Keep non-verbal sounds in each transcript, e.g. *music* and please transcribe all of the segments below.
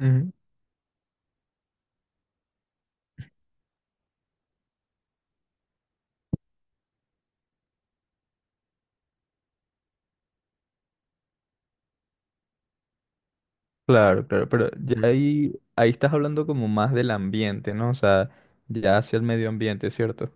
Ujú. Claro, claro, pero ya ahí, ahí estás hablando como más del ambiente, ¿no? O sea, ya hacia el medio ambiente, ¿cierto?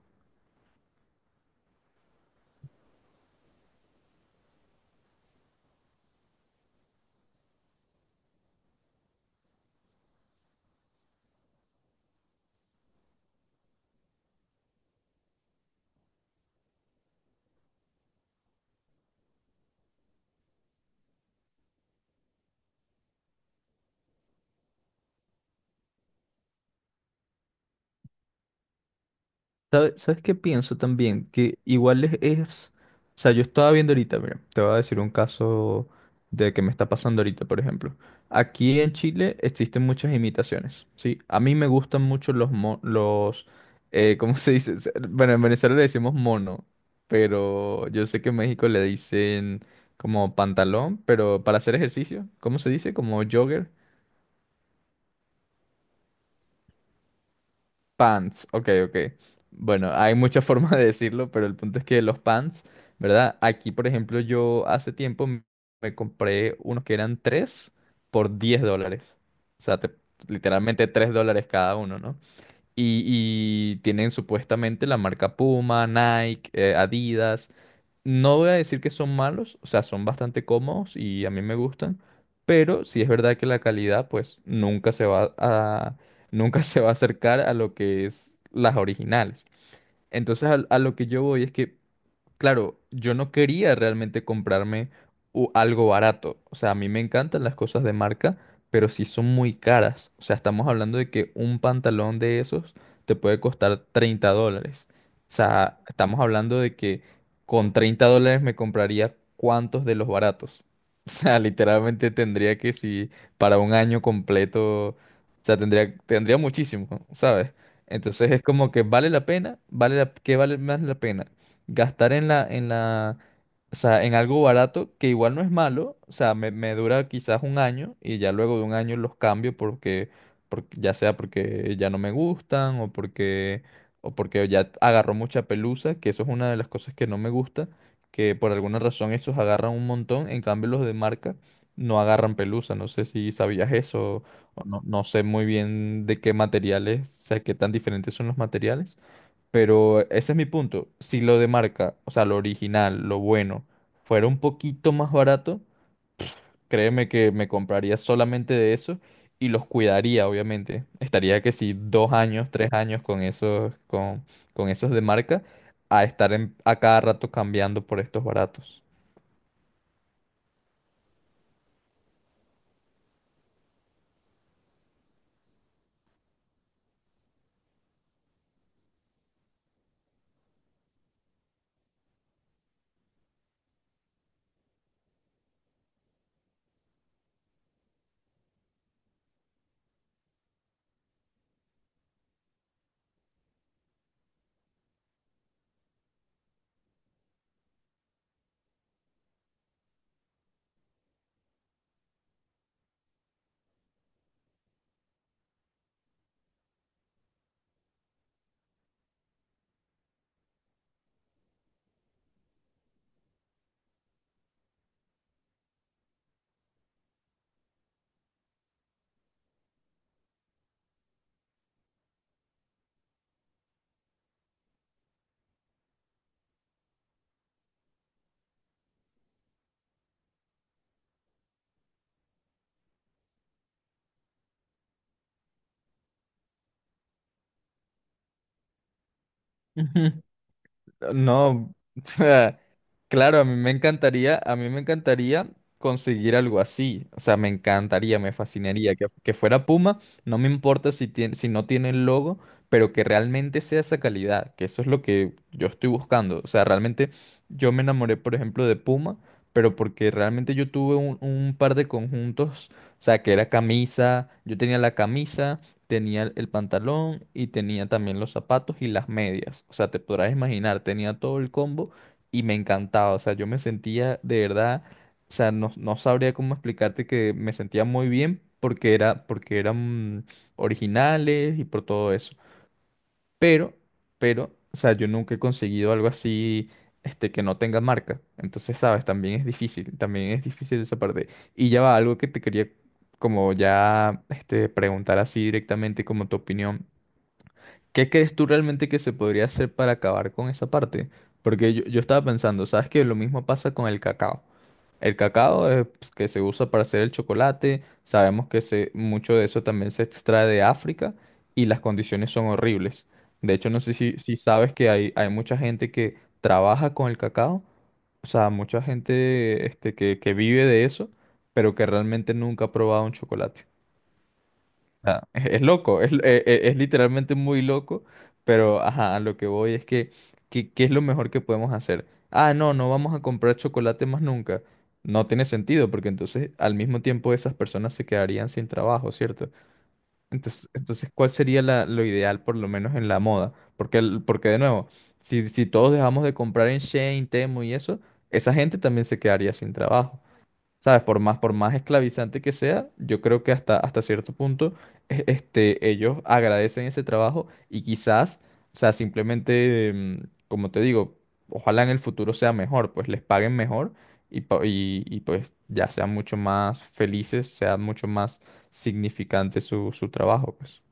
¿Sabes qué pienso también? Que igual es- O sea, yo estaba viendo ahorita, mira, te voy a decir un caso de que me está pasando ahorita, por ejemplo. Aquí en Chile existen muchas imitaciones, ¿sí? A mí me gustan mucho los ¿cómo *laughs* se dice? Bueno, en Venezuela le decimos mono, pero yo sé que en México le dicen como pantalón, pero para hacer ejercicio, ¿cómo se dice? Como jogger. Pants, ok, ok. Bueno, hay muchas *laughs* formas de decirlo, pero el punto es que los pants, ¿verdad? Aquí, por ejemplo, yo hace tiempo me compré unos que eran tres por $10. O sea, literalmente $3 cada uno, ¿no? Y, y tienen supuestamente la marca Puma, Nike, Adidas. No voy a decir que son malos, o sea, son bastante cómodos y a mí me gustan, pero sí es verdad que la calidad pues nunca *laughs* se va a acercar a lo que es las originales. Entonces a lo que yo voy es que claro, yo no quería realmente comprarme algo barato. O sea, a mí me encantan las cosas de marca, pero sí son muy caras. O sea, estamos hablando de que un pantalón de esos te puede costar $30. O sea, estamos hablando de que con $30 me compraría cuántos de los baratos. *laughs* O sea, literalmente tendría que si para un año completo, o sea, tendría muchísimo, ¿sabes? Entonces es como que vale la pena, ¿qué vale más la pena? Gastar o sea, en algo barato que igual no es malo, o sea, me dura quizás un año y ya luego de un año los cambio porque ya sea porque ya no me gustan o porque ya agarró mucha pelusa, que eso es una de las cosas que no me gusta, que por alguna razón esos agarran un montón, en cambio los de marca no agarran pelusa, no sé si sabías eso o no, no sé muy bien de qué materiales, o sea, qué tan diferentes son los materiales. Pero ese es mi punto. Si lo de marca, o sea, lo original, lo bueno, fuera un poquito más barato, créeme que me compraría solamente de eso y los cuidaría, obviamente. Estaría que si 2 años, 3 años con esos de marca, a a cada rato cambiando por estos baratos. *laughs* No, *laughs* o sea, claro, a mí me encantaría conseguir algo así. O sea, me encantaría, me fascinaría que fuera Puma. No me importa si tiene, si no tiene el logo, pero que realmente sea esa calidad, que eso es lo que yo estoy buscando. O sea, realmente yo me enamoré, por ejemplo, de Puma, pero porque realmente yo tuve un par de conjuntos, o sea, que era camisa, yo tenía la camisa tenía el pantalón y tenía también los zapatos y las medias. O sea, te podrás imaginar, tenía todo el combo y me encantaba. O sea, yo me sentía de verdad, o sea, no sabría cómo explicarte que me sentía muy bien porque era, porque eran originales y por todo eso. Pero, pero, o sea, yo nunca he conseguido algo así, que no tenga marca. Entonces, sabes, también es difícil esa parte. Y ya va, algo que te quería como ya, preguntar así directamente como tu opinión. ¿Qué crees tú realmente que se podría hacer para acabar con esa parte? Porque yo estaba pensando, ¿sabes que lo mismo pasa con el cacao? El cacao es, pues, que se usa para hacer el chocolate. Sabemos que mucho de eso también se extrae de África y las condiciones son horribles. De hecho, no sé si sabes que hay mucha gente que trabaja con el cacao, o sea, mucha gente que vive de eso, pero que realmente nunca ha probado un chocolate. Ah, *laughs* es loco, es literalmente muy loco, pero ajá, a lo que voy es que, ¿qué es lo mejor que podemos hacer? Ah, no, no vamos a comprar chocolate más nunca. No tiene sentido, porque entonces al mismo tiempo esas personas se quedarían sin trabajo, ¿cierto? Entonces, entonces ¿cuál sería lo ideal, por lo menos en la moda? Porque, porque de nuevo, si, si todos dejamos de comprar en Shein, Temu y eso, esa gente también se quedaría sin trabajo. ¿Sabes? Por más esclavizante que sea, yo creo que hasta, hasta cierto punto ellos agradecen ese trabajo y quizás, o sea, simplemente, como te digo, ojalá en el futuro sea mejor, pues les paguen mejor y, pues ya sean mucho más felices, sea mucho más significante su, su trabajo, pues.